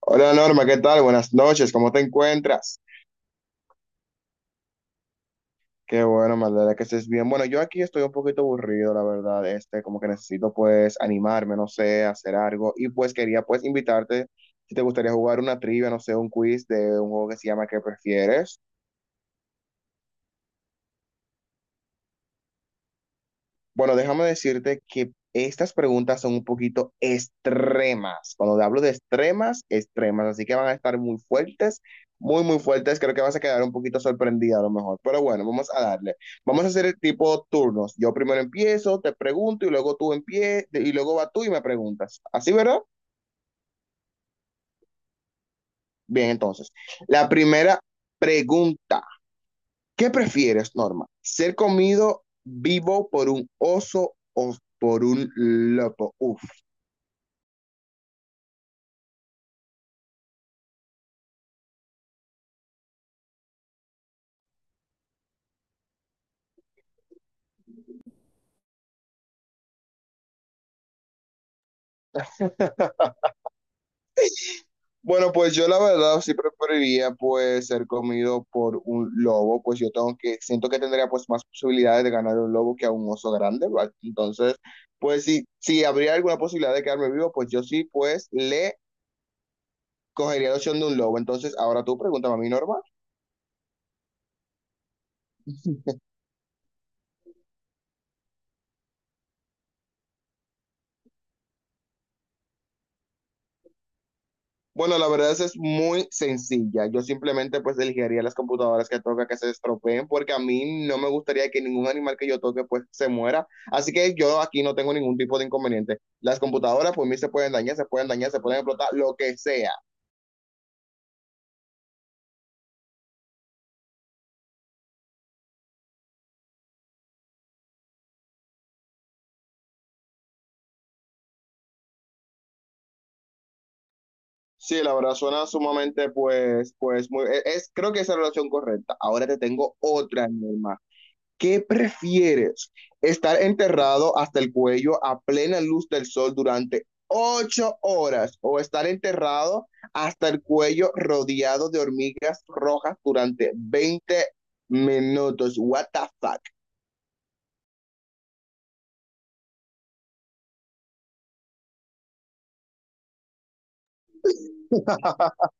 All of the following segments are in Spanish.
Hola Norma, ¿qué tal? Buenas noches, ¿cómo te encuentras? Qué bueno, me alegra que estés bien. Bueno, yo aquí estoy un poquito aburrido, la verdad, como que necesito pues animarme, no sé, hacer algo y pues quería pues invitarte si te gustaría jugar una trivia, no sé, un quiz de un juego que se llama ¿Qué prefieres? Bueno, déjame decirte que estas preguntas son un poquito extremas. Cuando hablo de extremas, extremas. Así que van a estar muy fuertes, muy, muy fuertes. Creo que vas a quedar un poquito sorprendida a lo mejor. Pero bueno, vamos a darle. Vamos a hacer el tipo turnos. Yo primero empiezo, te pregunto y luego tú empie y luego va tú y me preguntas. ¿Así, verdad? Bien, entonces. La primera pregunta. ¿Qué prefieres, Norma? ¿Ser comido vivo por un oso o por un lobo? Uf. Bueno, pues yo la verdad sí preferiría pues ser comido por un lobo, pues yo tengo que, siento que tendría pues más posibilidades de ganar un lobo que a un oso grande, ¿va? Entonces, pues si habría alguna posibilidad de quedarme vivo, pues yo sí pues le cogería la opción de un lobo. Entonces, ahora tú pregúntame a mí, Norma. Bueno, la verdad es muy sencilla. Yo simplemente pues elegiría las computadoras que toca que se estropeen porque a mí no me gustaría que ningún animal que yo toque pues se muera. Así que yo aquí no tengo ningún tipo de inconveniente. Las computadoras pues mí se pueden dañar, se pueden explotar, lo que sea. Sí, la verdad suena sumamente pues muy creo que esa es la relación correcta. Ahora te tengo otra, mi hermano. ¿Qué prefieres? ¿Estar enterrado hasta el cuello a plena luz del sol durante 8 horas o estar enterrado hasta el cuello rodeado de hormigas rojas durante 20 minutos? What the fuck?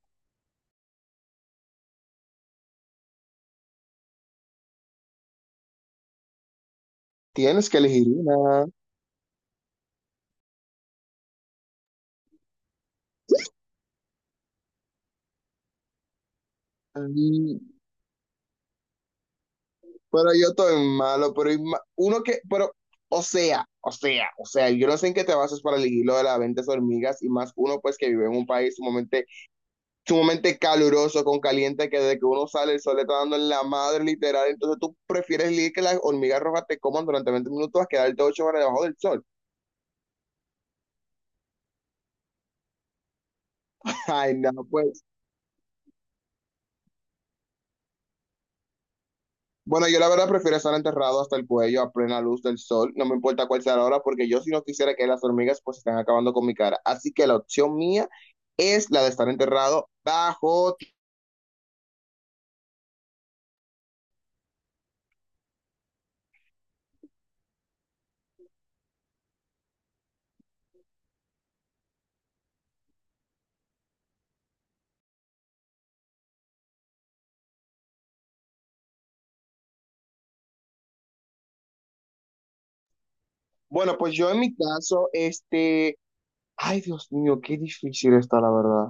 Tienes que elegir una. Ay, pero yo estoy malo, pero uno que, pero, o sea, yo no sé en qué te basas para elegir lo de las 20 hormigas y más uno pues que vive en un país sumamente caluroso, con caliente, que desde que uno sale el sol le está dando en la madre literal, entonces tú prefieres leer que las hormigas rojas te coman durante 20 minutos a quedarte 8 horas debajo del sol. Ay, no, pues. Bueno, yo la verdad prefiero estar enterrado hasta el cuello a plena luz del sol, no me importa cuál sea la hora, porque yo si no quisiera que las hormigas pues están acabando con mi cara. Así que la opción mía es la de estar enterrado bajo. Bueno, pues yo en mi caso, ay Dios mío, qué difícil está la verdad.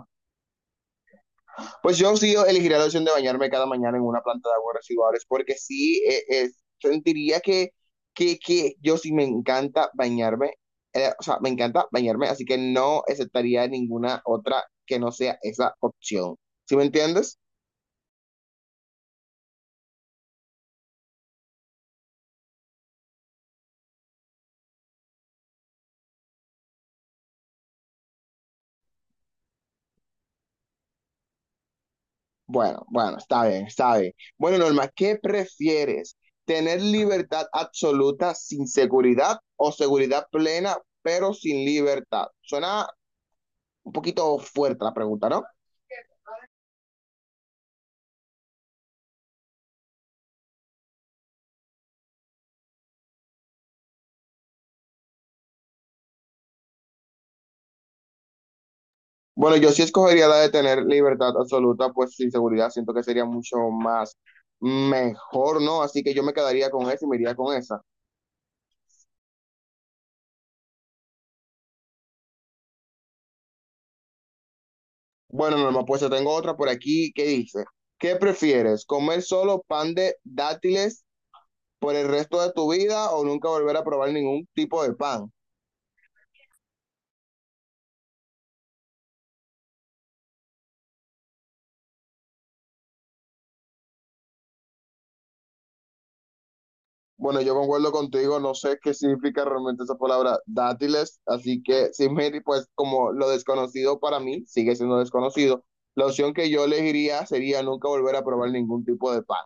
Pues yo sí elegiría la opción de bañarme cada mañana en una planta de aguas residuales, porque sí sentiría que yo sí me encanta bañarme, o sea, me encanta bañarme, así que no aceptaría ninguna otra que no sea esa opción. ¿Sí me entiendes? Bueno, bueno, está bien, está bien. Bueno, Norma, ¿qué prefieres? ¿Tener libertad absoluta sin seguridad o seguridad plena pero sin libertad? Suena un poquito fuerte la pregunta, ¿no? Bueno, yo sí escogería la de tener libertad absoluta, pues sin seguridad siento que sería mucho más mejor, ¿no? Así que yo me quedaría con esa y me iría con esa. Bueno, Norma, pues yo tengo otra por aquí que dice, ¿qué prefieres? ¿Comer solo pan de dátiles por el resto de tu vida o nunca volver a probar ningún tipo de pan? Bueno, yo concuerdo contigo, no sé qué significa realmente esa palabra dátiles, así que sin medir, pues como lo desconocido para mí sigue siendo desconocido, la opción que yo elegiría sería nunca volver a probar ningún tipo de pan.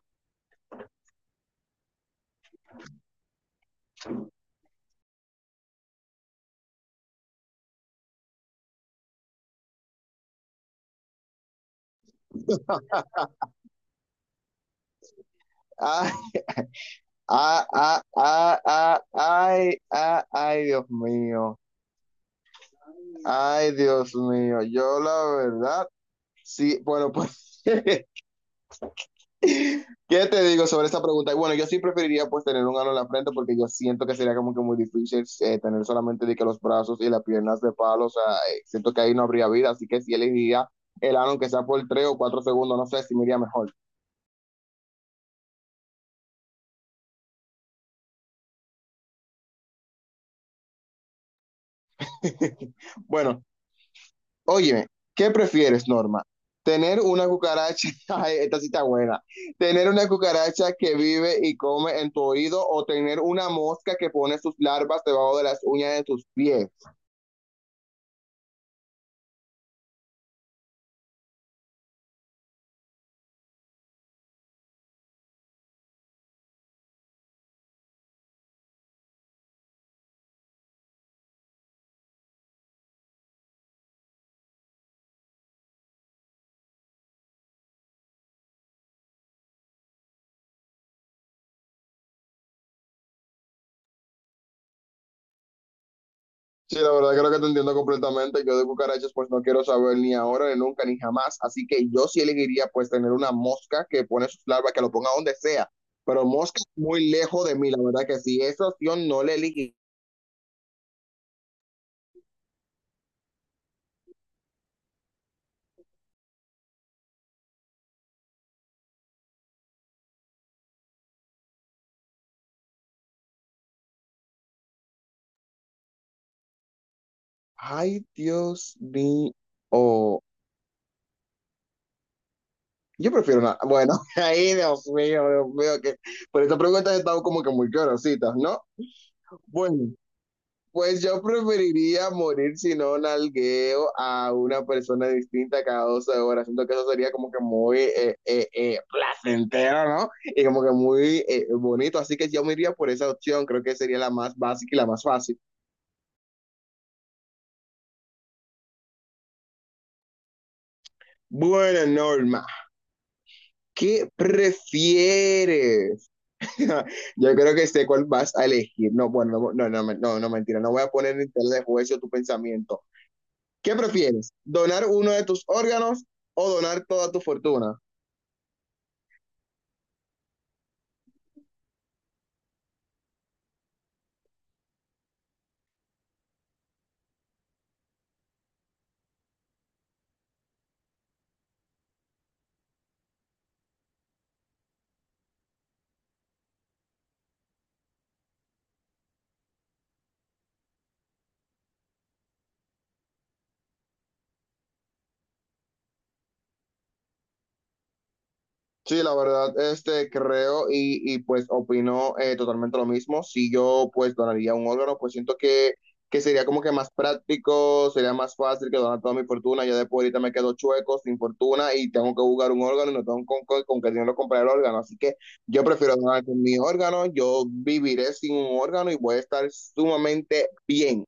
Ay, ay, ay, Dios mío, yo la verdad, sí, bueno, pues ¿Qué te digo sobre esta pregunta? Bueno, yo sí preferiría pues tener un ano en la frente porque yo siento que sería como que muy difícil tener solamente de que los brazos y las piernas de palo, o sea, siento que ahí no habría vida, así que sí elegiría el ano aunque sea por 3 o 4 segundos, no sé si me iría mejor. Bueno, óyeme, ¿qué prefieres, Norma? Tener una cucaracha, ay, esta sí está buena, tener una cucaracha que vive y come en tu oído o tener una mosca que pone sus larvas debajo de las uñas de tus pies. Sí, la verdad creo que te entiendo completamente. Yo de cucarachas pues no quiero saber ni ahora, ni nunca, ni jamás. Así que yo sí elegiría pues tener una mosca que pone sus larvas, que lo ponga donde sea. Pero mosca muy lejos de mí, la verdad que sí. Esa opción no la elegí. Ay, Dios mío. Yo prefiero una... Bueno, ay, Dios mío, que por estas preguntas han estado como que muy curiositas, ¿no? Bueno. Pues yo preferiría morir si no nalgueo a una persona distinta cada 12 horas. Siento que eso sería como que muy placentero, ¿no? Y como que muy bonito. Así que yo me iría por esa opción. Creo que sería la más básica y la más fácil. Bueno, Norma, ¿qué prefieres? Yo creo que sé cuál vas a elegir. No, bueno, no, no, no, no, no, mentira. No voy a poner en tela de juicio tu pensamiento. ¿Qué prefieres? ¿Donar uno de tus órganos o donar toda tu fortuna? Sí, la verdad, creo pues opino totalmente lo mismo. Si yo pues donaría un órgano, pues siento que sería como que más práctico, sería más fácil que donar toda mi fortuna. Ya después ahorita me quedo chueco, sin fortuna y tengo que buscar un órgano y no tengo con qué dinero comprar el órgano. Así que yo prefiero donar con mi órgano, yo viviré sin un órgano y voy a estar sumamente bien.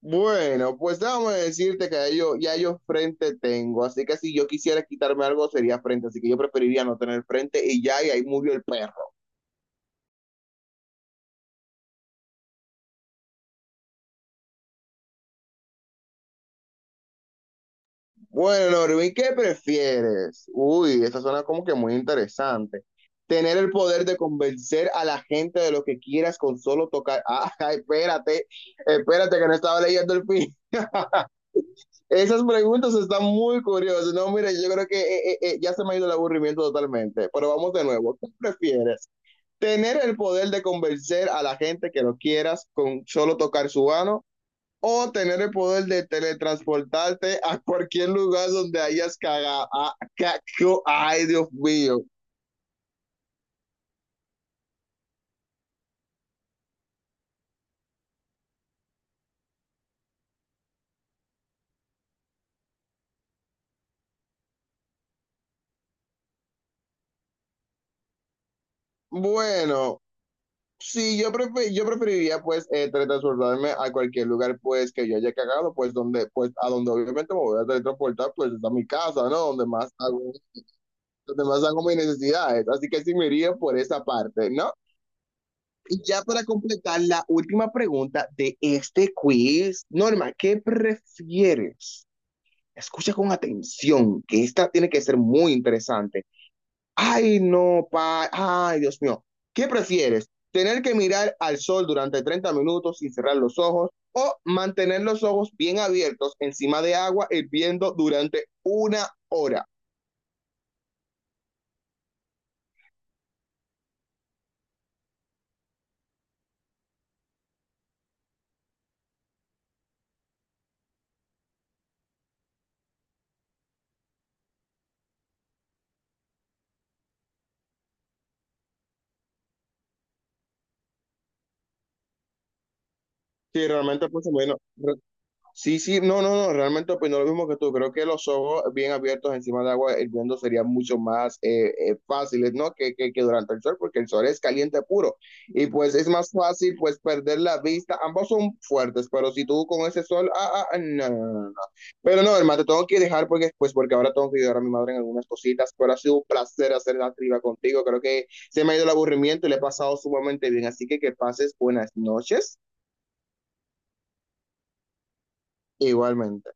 Bueno, pues déjame decirte que ya yo frente tengo, así que si yo quisiera quitarme algo sería frente, así que yo preferiría no tener frente y ya, y ahí murió el perro. Bueno, Norvin, ¿qué prefieres? Uy, esa suena como que muy interesante. Tener el poder de convencer a la gente de lo que quieras con solo tocar. Ah, espérate, espérate que no estaba leyendo el fin. Esas preguntas están muy curiosas. No, mire, yo creo que ya se me ha ido el aburrimiento totalmente, pero vamos de nuevo. ¿Qué prefieres? Tener el poder de convencer a la gente que lo quieras con solo tocar su mano o tener el poder de teletransportarte a cualquier lugar donde hayas cagado. Ay, Dios mío. Bueno, sí, yo, yo preferiría pues teletransportarme a cualquier lugar pues que yo haya cagado, pues donde, pues a donde obviamente me voy a teletransportar, pues es a mi casa, ¿no? Donde más hago mis necesidades. Así que sí me iría por esa parte, ¿no? Y ya para completar la última pregunta de este quiz, Norma, ¿qué prefieres? Escucha con atención, que esta tiene que ser muy interesante. Ay, no, pa, ay, Dios mío. ¿Qué prefieres? ¿Tener que mirar al sol durante 30 minutos sin cerrar los ojos o mantener los ojos bien abiertos encima de agua hirviendo durante una hora? Sí, realmente, pues bueno, sí, sí, no, no, no, realmente opino lo mismo que tú. Creo que los ojos bien abiertos encima del agua hirviendo serían mucho más fáciles, ¿no? Que durante el sol, porque el sol es caliente puro. Y pues es más fácil, pues, perder la vista. Ambos son fuertes, pero si tú con ese sol, no, no, no, no. Pero no, hermano, te tengo que dejar porque, pues, porque ahora tengo que ayudar a mi madre en algunas cositas. Pero ha sido un placer hacer la triba contigo. Creo que se me ha ido el aburrimiento y le he pasado sumamente bien. Así que pases buenas noches igualmente.